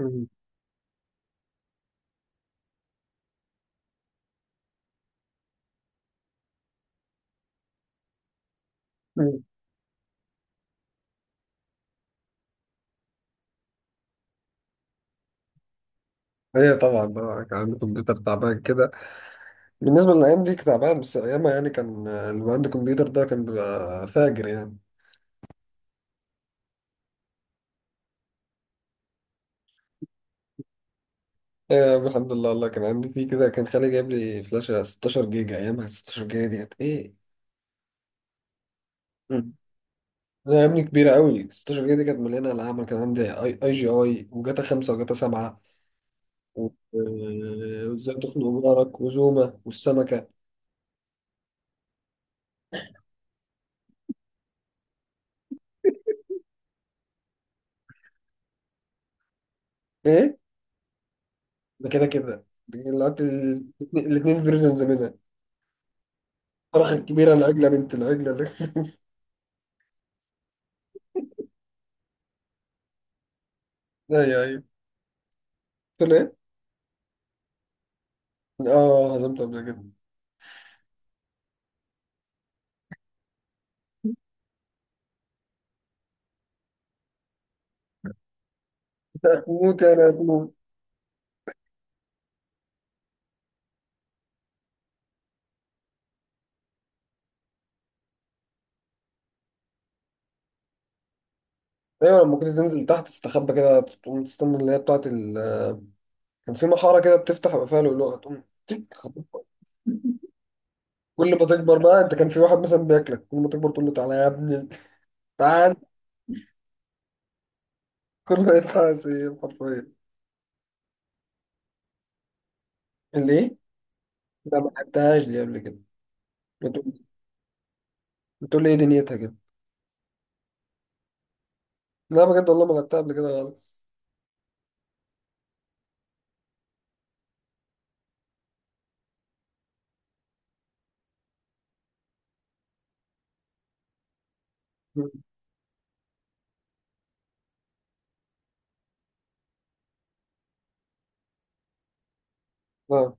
مم. مم. هي طبعا بقى كان عندي كمبيوتر تعبان كده، بالنسبة للأيام دي كان تعبان، بس أيامها يعني كان اللي عنده كمبيوتر ده كان بيبقى فاجر يعني. آه، الحمد لله والله، كان عندي فيه كده، كان خالي جايب لي فلاشة 16 جيجا، أيامها 16 جيجا دي كانت إيه؟ مم. أنا يا ابني كبيرة قوي، 16 جيجا دي كانت مليانة ألعاب. أنا كان عندي أي جي أي، وجاتا 5، وجاتا 7، و- وإزاي تخنق جارك، وزوما، والسمكة. إيه ده، كده دي لعبت الاتنين فيرجنز منها. الفرخة الكبيرة، العجلة بنت العجلة اللي ايوه، ايوه. قلت له ايه؟ اه، هزمت قبل كده. انت هتموت يعني هتموت. ايوه، لما كنت تنزل تحت تستخبى كده، تقوم تستنى اللي هي بتاعت ال... كان في محارة كده بتفتح يبقى فيها لؤلؤة، تقوم تك خطفها. كل ما تكبر بقى انت كان في واحد مثلا بياكلك، كل ما تكبر تقول له تعالى يا ابني، تعال. كل ما يتحاسب حرفيا. اللي ايه؟ لا، ما لعبتهاش دي قبل كده. بتقول بتقول لي ايه دنيتها كده؟ لا، بجد والله ما لعبتها قبل كده خالص. مم. اه،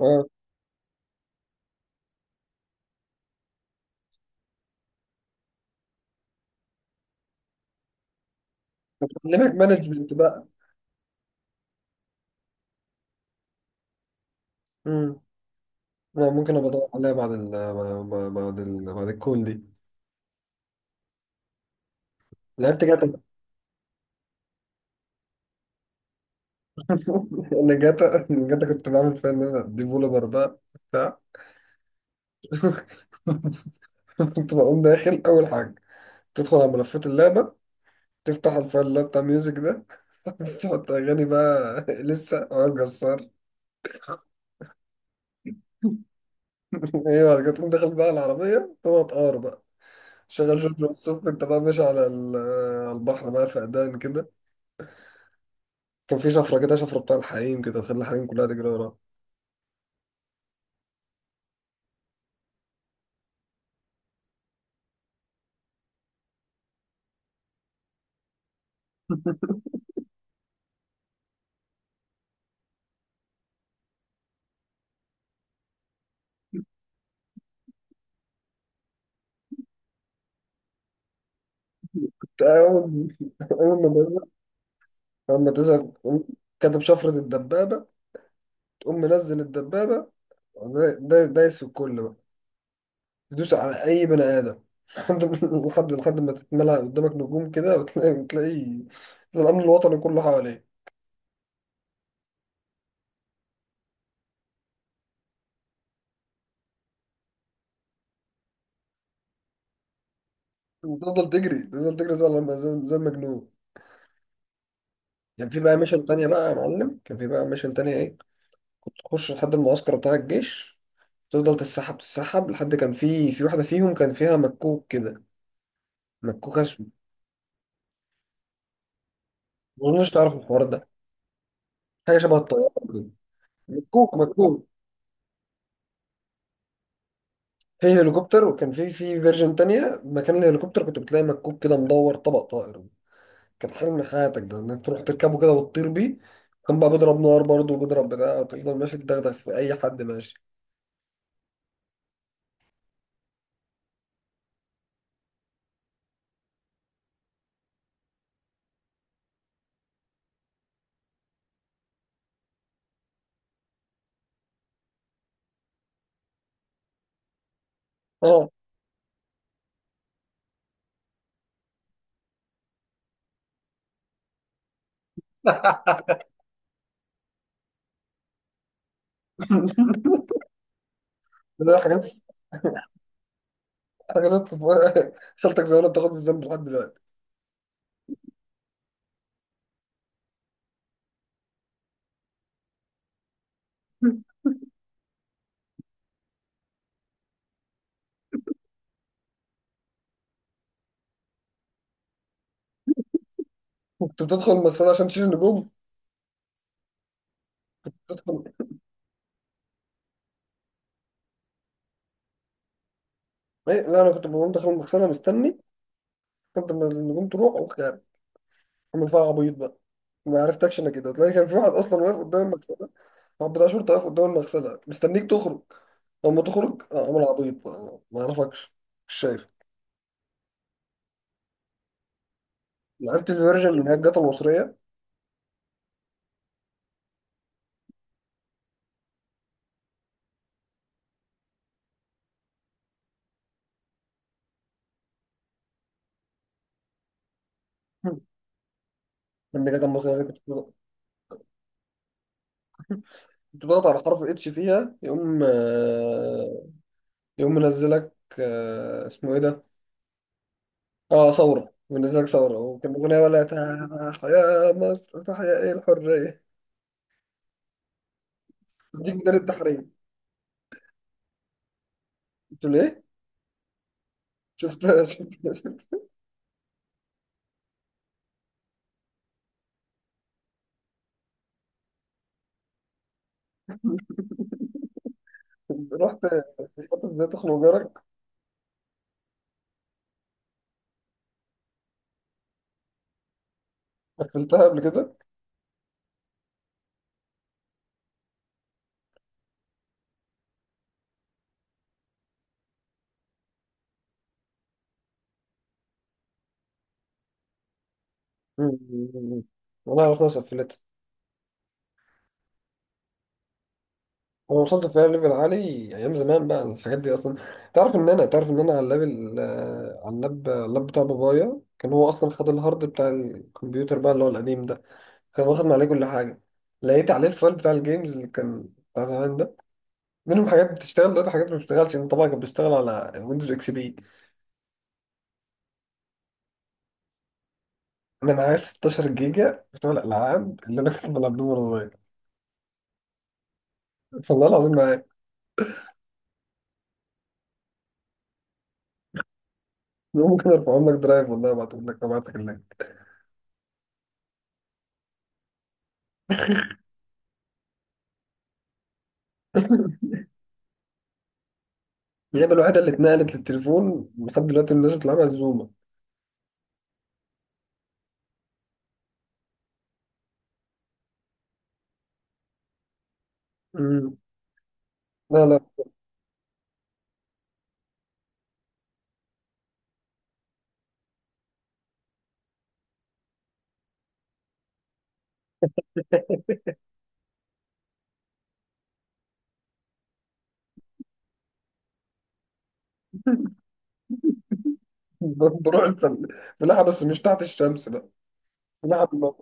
اه. بتعلمك مانجمنت بقى. مم. لا، ممكن ابقى ادور عليها بعد الكول دي. لعبت جاتا انا جاتا كنت بعمل فيها ان انا ديفولبر بقى، بتاع. كنت بقوم داخل اول حاجه، تدخل على ملفات اللعبه، تفتح الفايل اللي هو بتاع ميوزك ده تحط اغاني بقى، لسه وائل جسار. ايه، بعد كده تقوم داخل بقى العربيه، تقعد تقار بقى، شغال جورج وسوف، انت بقى ماشي على على البحر بقى، فقدان كده. كان في شفره كده، شفره بتاع الحريم كده، تخلي الحريم كلها تجري وراها. أول أول ما أول ما تزهق تقوم كاتب شفرة الدبابة، تقوم منزل الدبابة، ودا- دا- دايس في الكل بقى، تدوس على أي بني آدم لحد لحد ما تتملى قدامك نجوم كده، وتلاقي الأمن الوطني كله حواليك. وتفضل تجري، تفضل تجري زي زي المجنون. كان في بقى ميشن تانية بقى يا معلم، كان في بقى ميشن تانية إيه، كنت تخش لحد المعسكر بتاع الجيش، تفضل تتسحب لحد كان في واحدة فيهم كان فيها مكوك كده، مكوك أسود. ما أظنش تعرف الحوار ده. حاجه شبه الطياره كده. مكوك. في هليكوبتر، وكان في فيرجن تانية، مكان الهليكوبتر كنت بتلاقي مكوك كده مدور، طبق طائر. كان حلم حياتك ده ان انت تروح تركبه كده وتطير بيه. كان بقى بيضرب نار برضه، وبيضرب بتاع، وتفضل ماشي تدغدغ في اي حد ماشي. اه. ده حاجات، حاجات خالتك زمان بتاخد الذنب لحد دلوقتي. كنت بتدخل المغسله عشان تشيل النجوم. تدخل إيه؟ لا، انا كنت بقوم داخل المغسله مستني، كنت لما النجوم تروح، عامل فيها عبيط بقى، ما عرفتكش. انك كده تلاقي كان في واحد اصلا واقف قدام المغسله، واحد بتاع شرطه واقف قدام المغسله مستنيك تخرج، لما تخرج اه عامل عبيط بقى، ما اعرفكش. مش شايف. لعبت الفيرجن من الجاتا المصريه، من الجاتا المصريه اللي كنت كنت بضغط على حرف اتش فيها يقوم يقوم منزلك. اسمه ايه ده؟ اه، ثوره. منزلك ثوره، وكان اغنيه ولا؟ تحيا يا مصر، تحيا ايه الحريه. تديك ميدان التحرير. قلت له ايه؟ شفت. شفت. رحت فتحت ازاي تخنق جارك. قفلتها قبل كده. مم. والله خلاص قفلتها. انا وصلت فيها ليفل عالي، ايام زمان بقى الحاجات دي اصلا. تعرف ان انا، على الليفل، على اللاب، بتاع بابايا، كان هو اصلا خد الهارد بتاع الكمبيوتر بقى اللي هو القديم ده، كان واخد عليه كل حاجه. لقيت عليه الفايل بتاع الجيمز اللي كان بتاع زمان ده، منهم حاجات بتشتغل دلوقتي، حاجات ما بتشتغلش. انا طبعا كان بيشتغل على ويندوز اكس بي. انا معايا 16 جيجا بتوع الالعاب اللي انا كنت بلعبهم وانا صغير، والله العظيم. ممكن ارفعهم لك درايف، والله ابعتهم لك، ابعت لك اللينك. اللعبه الوحيده اللي اتنقلت للتليفون لحد دلوقتي الناس بتلعبها الزومه. مم. لا، لا. بروح الفل، بلعب بس مش تحت الشمس بقى. بلعب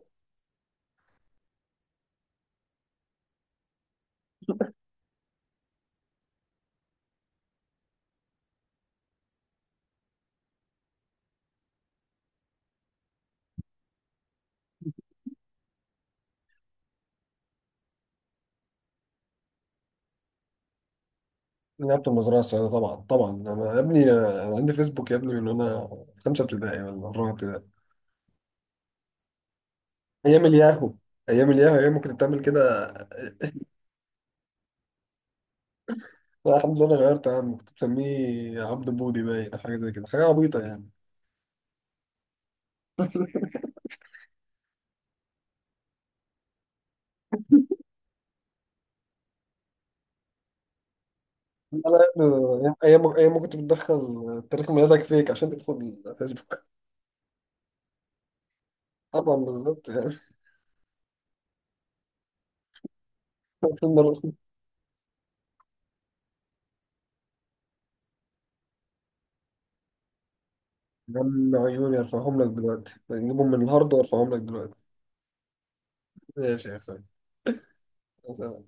لعبت المزرعه السعيده طبعا، طبعا. أنا يا ابني أنا عندي فيسبوك يا ابني من وانا في خمسه ابتدائي ولا رابعه ابتدائي. ايام الياهو، ايام ما كنت بتعمل كده. الحمد لله، انا غيرت يا عم، كنت بسميه عبد بودي باين أو حاجه زي كده، حاجه عبيطه يعني. لا، لا، ايام ما كنت بتدخل تاريخ ميلادك فيك عشان تدخل فيسبوك. طبعا، بالظبط يعني. المرة- دم عيوني، ارفعهم لك دلوقتي، نجيبهم من الهارد وارفعهم لك دلوقتي. ماشي يا اخوي.